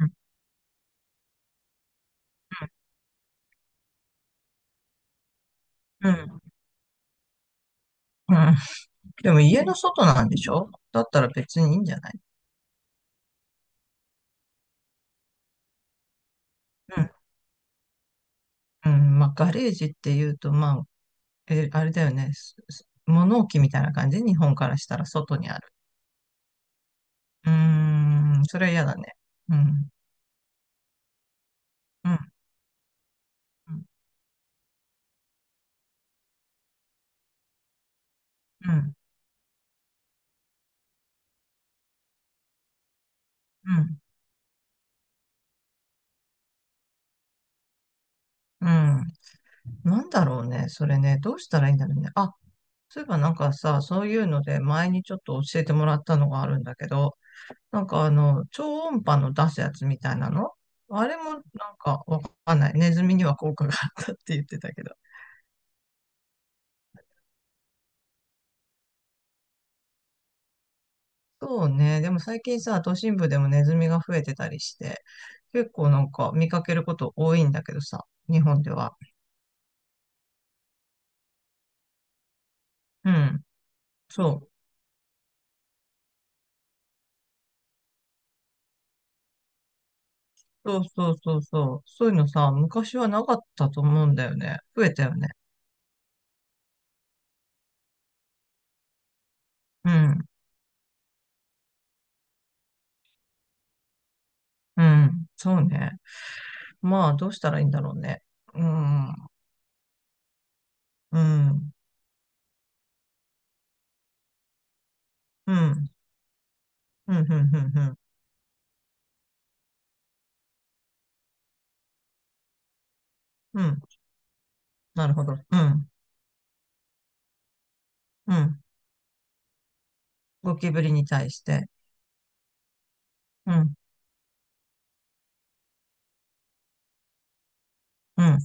うん、うん。うん。でも家の外なんでしょ？だったら別にいいんじゃない？うん、うん。まあ、ガレージっていうと、まあ、あれだよね。物置みたいな感じ、日本からしたら外にある。うーん、それは嫌だね。うん、うん、うん、うん。うん。なんだろうね、それね。どうしたらいいんだろうね。あ、そういえばなんかさ、そういうので前にちょっと教えてもらったのがあるんだけど、なんか超音波の出すやつみたいなの。あれもなんかわかんない。ネズミには効果があったって言ってたけど。そうね。でも最近さ、都心部でもネズミが増えてたりして、結構なんか見かけること多いんだけどさ、日本では。うん。そう。そうそうそうそう。そういうのさ、昔はなかったと思うんだよね。増えたよね。うん。うん。そうね。まあ、どうしたらいいんだろうね。うん。うん。うん。うん。うん。うん。うん。うん。なるほど。うん。うん。ゴキブリに対して。うん。うん。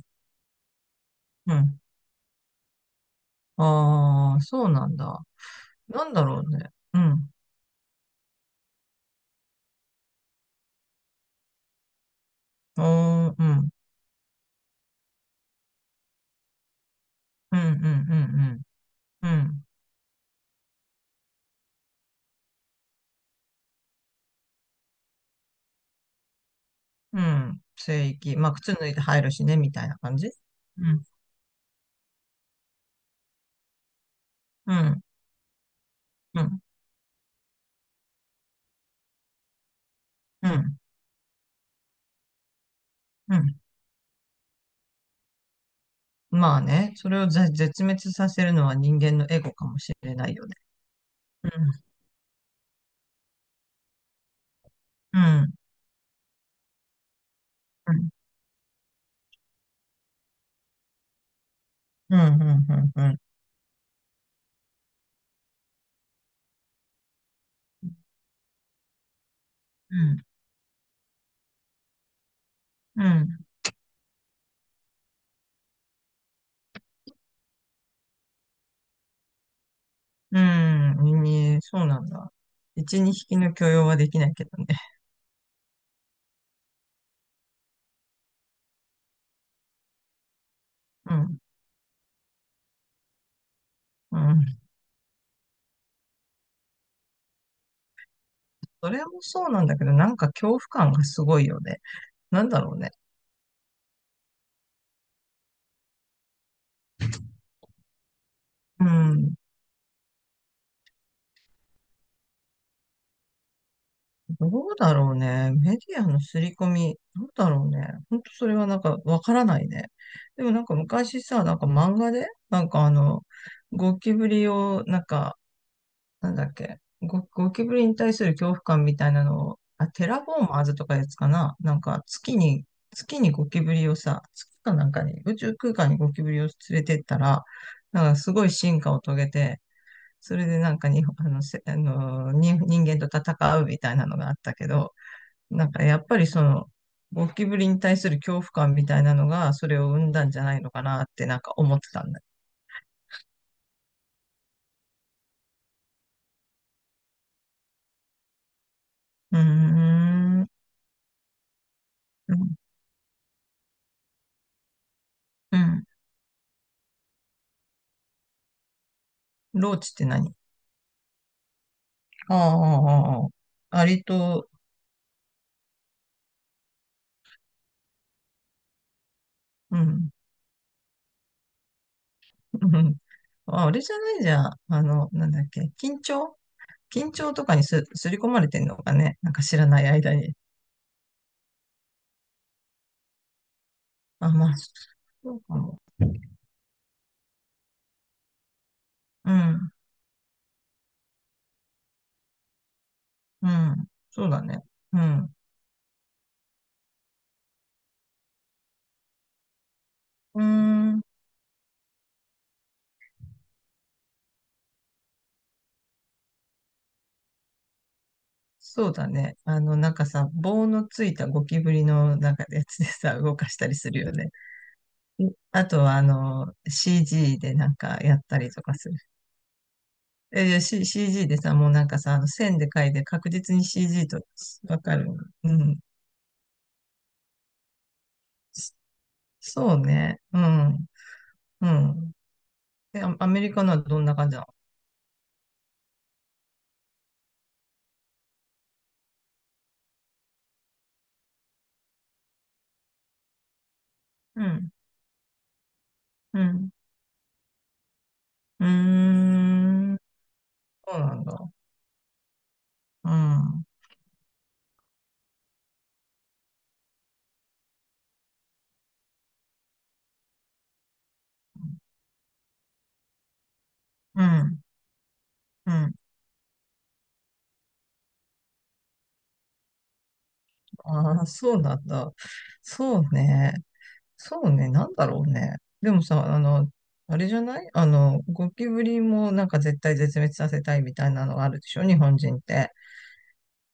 うん。ああ、そうなんだ。なんだろうね。うん。おー、うん。うん。うん。うん。うん。うん。うん。聖域。まあ、靴脱いで入るしね、みたいな感じ。うん。うん。うん。うん。うん。まあね、それを絶滅させるのは人間のエゴかもしれないよね。うん。うん。うん。うん。うん。うん。うん。うん。うんうん、ええ、そうなんだ。一、二匹の許容はできないけどね。うん、うん。それもそうなんだけど、なんか恐怖感がすごいよね。なんだろうね。うん、どうだろうね。メディアの刷り込み、どうだろうね。ほんとそれはなんかわからないね。でもなんか昔さ、なんか漫画で、なんかゴキブリをなんかなんだっけ、ゴキブリに対する恐怖感みたいなのを、あ、テラフォーマーズとかやつかななんか月に、月にゴキブリをさ、月かなんかに、宇宙空間にゴキブリを連れてったら、なんかすごい進化を遂げて、それでなんかに、あの、せ、あの、に、人間と戦うみたいなのがあったけど、なんかやっぱりその、ゴキブリに対する恐怖感みたいなのが、それを生んだんじゃないのかなってなんか思ってたんだよ。うーん。うん。うん。ローチって何？ああ、ああ、ありと、うん。うん あれじゃないじゃん。なんだっけ、緊張とかにすり込まれてんのかね。なんか知らない間に。あ、まあ、そうかも。うん、うん、そうだね。うん。うーん、そうだね。なんかさ、棒のついたゴキブリのなんかやつでさ、動かしたりするよね。あとは、CG でなんかやったりとかいや、 CG でさ、もうなんかさ、あの線で書いて確実に CG とわかる。うん。そそうね。うん。うん。で、アメリカのはどんな感じなの？うん。うん。うーん。そうなんだ。うん。うん。うん。ああ、そうなんだ。そうね。そうね。なんだろうね。でもさ、あれじゃない、ゴキブリもなんか絶対絶滅させたいみたいなのがあるでしょ、日本人って。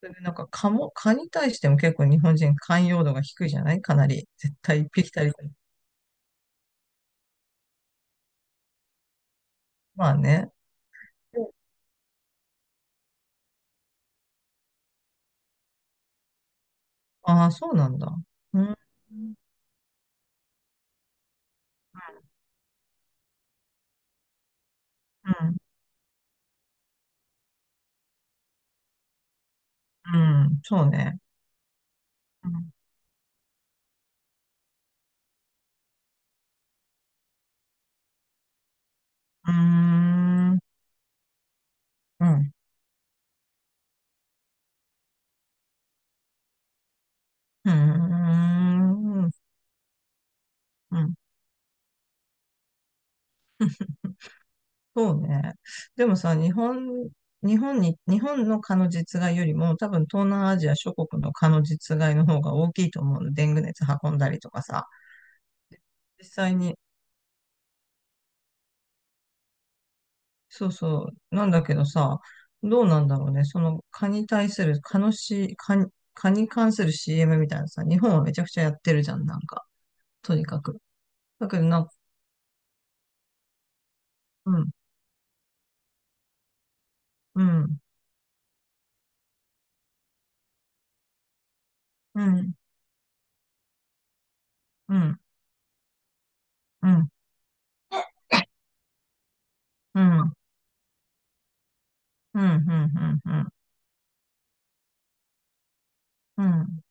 それでなんか蚊も、蚊に対しても結構日本人寛容度が低いじゃない、かなり。絶対一匹たりとも。まあね。ああ、そうなんだ。うん。うん。うん。そうね。うん。うーん。うん。うーん。うん。そうね。でもさ、日本の蚊の実害よりも、多分東南アジア諸国の蚊の実害の方が大きいと思うの。デング熱運んだりとかさ。実際にそうそう。なんだけどさ、どうなんだろうね。その蚊に対する、蚊のし、蚊に、蚊に関する CM みたいなさ、日本はめちゃくちゃやってるじゃん、なんか。とにかく。だけどなんか、うん、うん、うん、うん、うん、うん、うん、うん、うん、うん。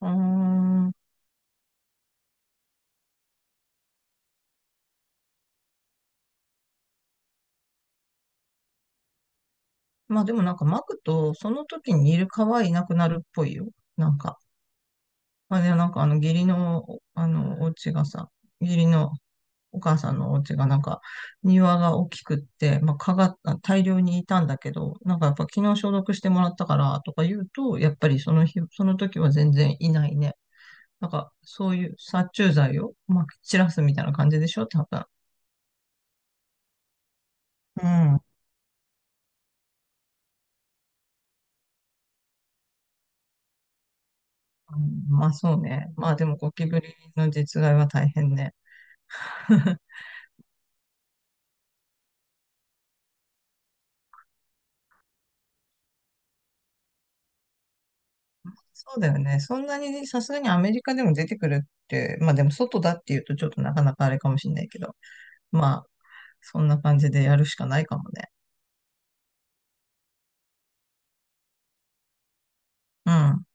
うーん。まあでもなんか巻くと、その時にいる蚊はいなくなるっぽいよ。なんか。まあね、なんかあの義理の、お家がさ、義理のお母さんのお家がなんか庭が大きくって、まあ、蚊が大量にいたんだけど、なんかやっぱ昨日消毒してもらったからとか言うと、やっぱりその日、その時は全然いないね。なんかそういう殺虫剤をまき散らすみたいな感じでしょ、多分。うん。うん。まあ、そうね。まあでもゴキブリの実害は大変ね。そうだよね。そんなにね、さすがにアメリカでも出てくるって、まあでも外だっていうとちょっとなかなかあれかもしれないけど、まあそんな感じでやるしかないかもね。うん、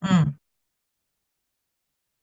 うん。